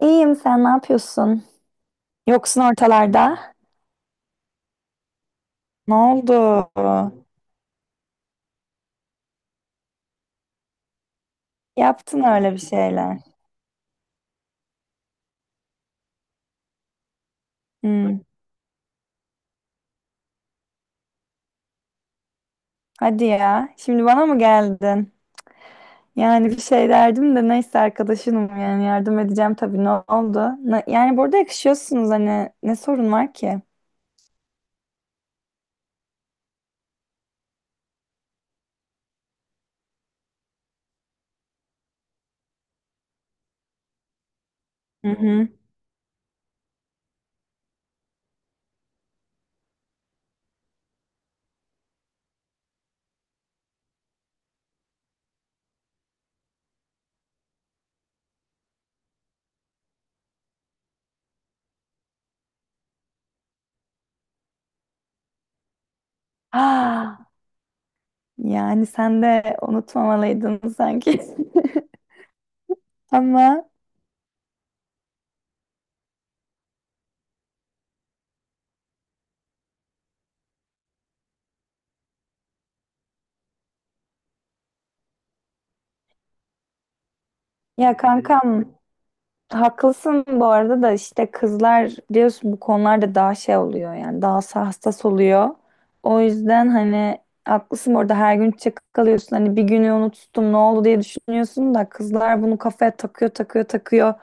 İyiyim, sen ne yapıyorsun? Yoksun ortalarda. Ne oldu? Yaptın öyle bir şeyler. Hmm. Hadi ya. Şimdi bana mı geldin? Yani bir şey derdim de neyse, arkadaşınım, yani yardım edeceğim tabii. Ne oldu? Yani burada yakışıyorsunuz, hani ne sorun var ki? Hı hı. Ah, yani sen de unutmamalıydın sanki. Ama ya kankam, haklısın bu arada. Da işte kızlar biliyorsun bu konularda daha şey oluyor, yani daha hassas oluyor. O yüzden hani haklısın, orada her gün çakık alıyorsun, hani bir günü unuttum ne oldu diye düşünüyorsun da kızlar bunu kafaya takıyor, takıyor, takıyor.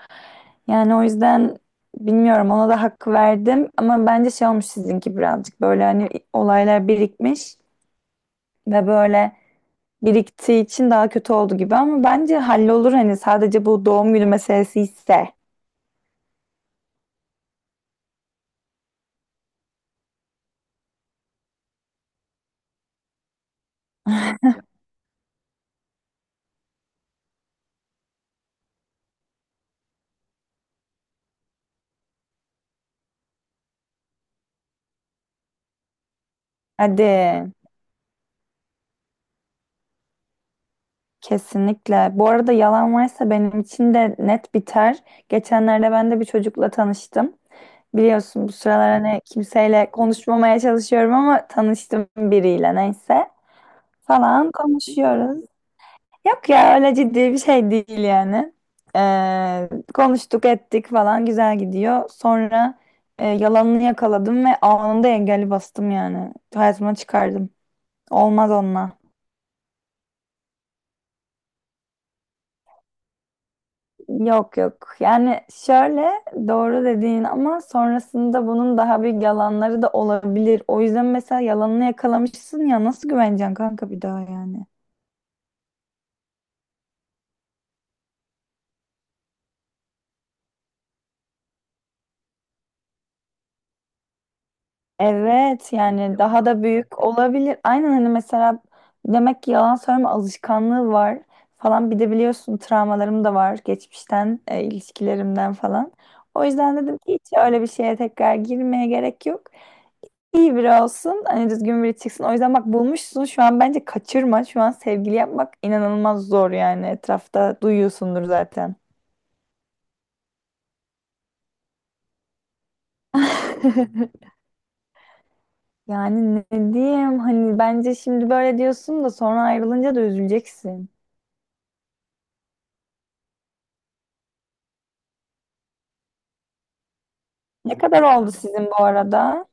Yani o yüzden bilmiyorum, ona da hak verdim, ama bence şey olmuş sizinki, birazcık böyle hani olaylar birikmiş ve böyle biriktiği için daha kötü oldu gibi, ama bence hallolur hani, sadece bu doğum günü meselesi ise. Hadi, kesinlikle. Bu arada yalan varsa benim için de net biter. Geçenlerde ben de bir çocukla tanıştım. Biliyorsun bu sıralar hani kimseyle konuşmamaya çalışıyorum, ama tanıştım biriyle, neyse. Falan konuşuyoruz. Yok ya, öyle ciddi bir şey değil yani. Konuştuk ettik falan, güzel gidiyor. Sonra yalanını yakaladım ve anında engeli bastım yani. Hayatıma çıkardım. Olmaz onunla. Yok yok. Yani şöyle, doğru dediğin, ama sonrasında bunun daha büyük yalanları da olabilir. O yüzden mesela yalanını yakalamışsın ya, nasıl güveneceksin kanka bir daha yani. Evet, yani daha da büyük olabilir. Aynen, hani mesela demek ki yalan söyleme alışkanlığı var falan. Bir de biliyorsun travmalarım da var geçmişten, ilişkilerimden falan. O yüzden dedim ki hiç öyle bir şeye tekrar girmeye gerek yok. İyi biri olsun, hani düzgün biri çıksın. O yüzden bak, bulmuşsun şu an, bence kaçırma. Şu an sevgili yapmak inanılmaz zor yani. Etrafta duyuyorsundur zaten. Yani ne diyeyim hani, bence şimdi böyle diyorsun da sonra ayrılınca da üzüleceksin. Ne kadar oldu sizin bu arada?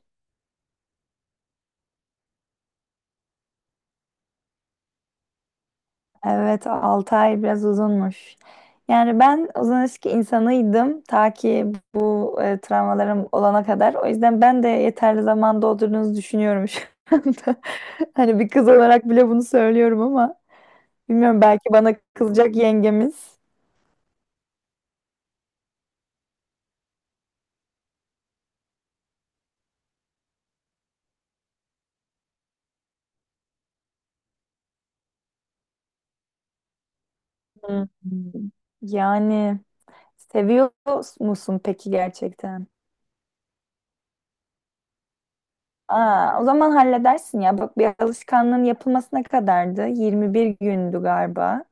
Evet, 6 ay biraz uzunmuş. Yani ben uzun ilişki insanıydım, ta ki bu travmalarım olana kadar. O yüzden ben de yeterli zaman doldurduğunuzu düşünüyorum şu anda. Hani bir kız olarak bile bunu söylüyorum, ama bilmiyorum, belki bana kızacak yengemiz. Hmm. Yani seviyor musun peki gerçekten? Aa, o zaman halledersin ya. Bak, bir alışkanlığın yapılmasına kadardı. 21 gündü galiba.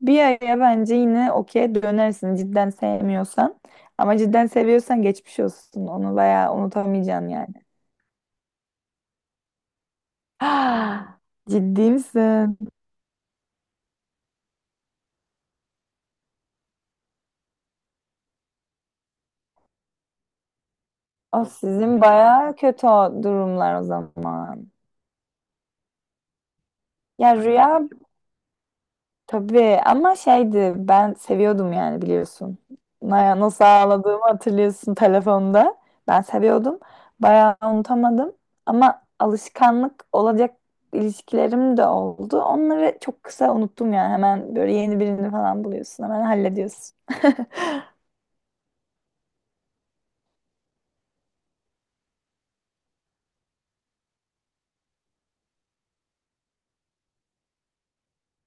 Bir aya bence yine okey dönersin cidden sevmiyorsan. Ama cidden seviyorsan geçmiş olsun. Onu bayağı unutamayacaksın yani. Ah, ciddi misin? O sizin bayağı kötü, o durumlar o zaman. Ya tabii, ama şeydi, ben seviyordum yani, biliyorsun. Naya nasıl ağladığımı hatırlıyorsun telefonda. Ben seviyordum. Bayağı unutamadım. Ama alışkanlık olacak ilişkilerim de oldu. Onları çok kısa unuttum yani. Hemen böyle yeni birini falan buluyorsun. Hemen hallediyorsun.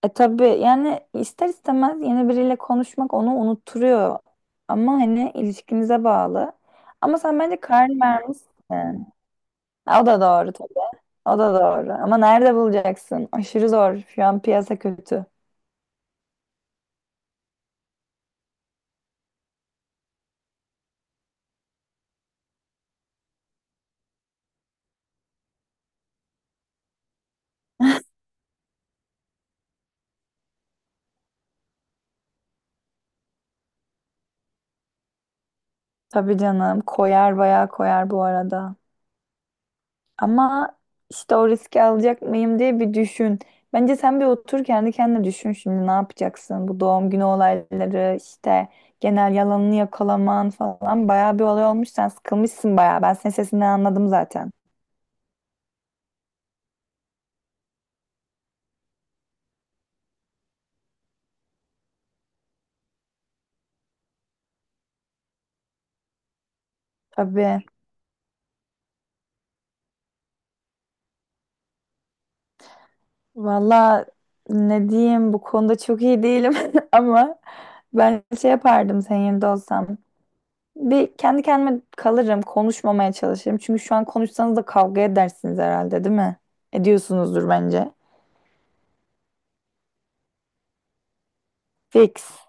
E tabii yani, ister istemez yeni biriyle konuşmak onu unutturuyor. Ama hani ilişkinize bağlı. Ama sen bence karar vermişsin. Ha, o da doğru. O da doğru. Ama nerede bulacaksın? Aşırı zor. Şu an piyasa kötü. Tabii canım. Koyar, bayağı koyar bu arada. Ama işte o riski alacak mıyım diye bir düşün. Bence sen bir otur kendi kendine düşün, şimdi ne yapacaksın? Bu doğum günü olayları, işte genel yalanını yakalaman falan, bayağı bir olay olmuş. Sen sıkılmışsın bayağı. Ben senin sesinden anladım zaten. Tabii. Valla ne diyeyim, bu konuda çok iyi değilim ama ben şey yapardım senin yerinde olsam. Bir kendi kendime kalırım, konuşmamaya çalışırım. Çünkü şu an konuşsanız da kavga edersiniz herhalde, değil mi? Ediyorsunuzdur bence. Fix.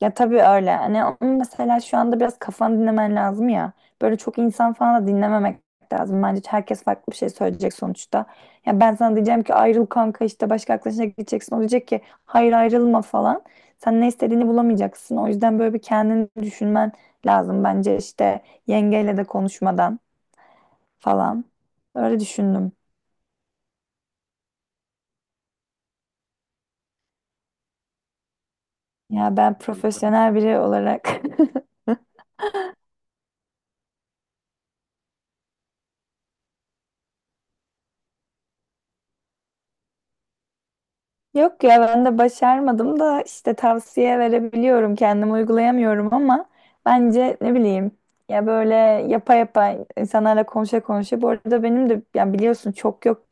Ya tabii öyle. Hani onun mesela şu anda biraz kafanı dinlemen lazım ya. Böyle çok insan falan da dinlememek lazım. Bence herkes farklı bir şey söyleyecek sonuçta. Ya ben sana diyeceğim ki ayrıl kanka, işte başka arkadaşına gideceksin. O diyecek ki hayır ayrılma falan. Sen ne istediğini bulamayacaksın. O yüzden böyle bir kendini düşünmen lazım bence, işte yengeyle de konuşmadan falan. Öyle düşündüm. Ya ben profesyonel biri olarak. Yok ya, ben de başarmadım da işte tavsiye verebiliyorum, kendim uygulayamıyorum, ama bence ne bileyim, ya böyle yapa yapa, insanlarla konuşa konuşa, bu arada benim de, ya biliyorsun çok yok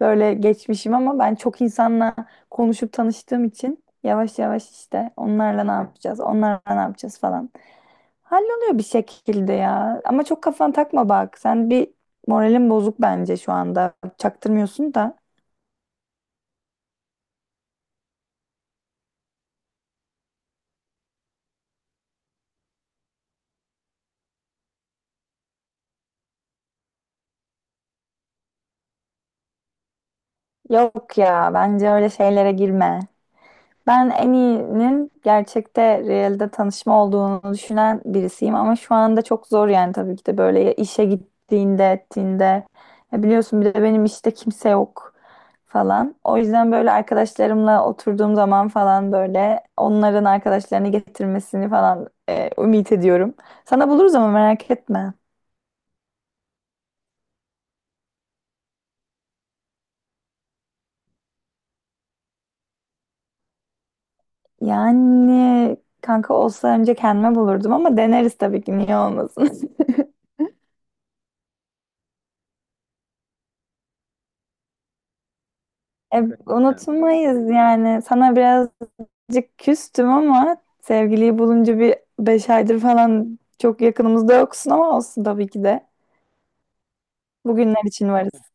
böyle geçmişim, ama ben çok insanla konuşup tanıştığım için yavaş yavaş işte onlarla ne yapacağız, onlarla ne yapacağız falan. Halloluyor bir şekilde ya. Ama çok kafana takma bak. Sen bir moralin bozuk bence şu anda. Çaktırmıyorsun da. Yok ya, bence öyle şeylere girme. Ben en iyinin gerçekte, realde tanışma olduğunu düşünen birisiyim, ama şu anda çok zor yani tabii ki de, böyle ya işe gittiğinde, ettiğinde. Ya biliyorsun bir de benim işte kimse yok falan. O yüzden böyle arkadaşlarımla oturduğum zaman falan böyle onların arkadaşlarını getirmesini falan ümit ediyorum. Sana buluruz ama, merak etme. Yani kanka olsa önce kendime bulurdum, ama deneriz tabii ki, niye olmasın. Yani unutmayız yani. Sana biraz Birazcık küstüm, ama sevgiliyi bulunca bir 5 aydır falan çok yakınımızda yoksun, ama olsun tabii ki de. Bugünler için varız.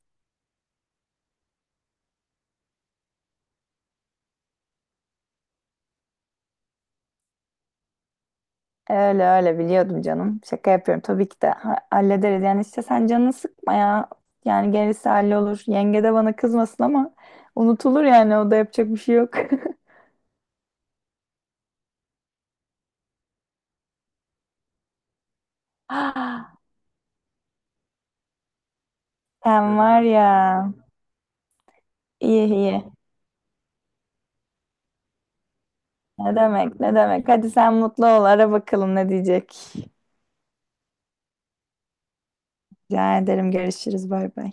Öyle öyle biliyordum canım. Şaka yapıyorum tabii ki de, hallederiz. Yani işte sen canını sıkma ya. Yani gerisi hallolur. Yenge de bana kızmasın ama, unutulur yani, o da yapacak bir şey yok. Ah, sen var ya. İyi iyi. Ne demek, ne demek. Hadi sen mutlu ol. Ara bakalım ne diyecek. Rica ederim. Görüşürüz. Bay bay.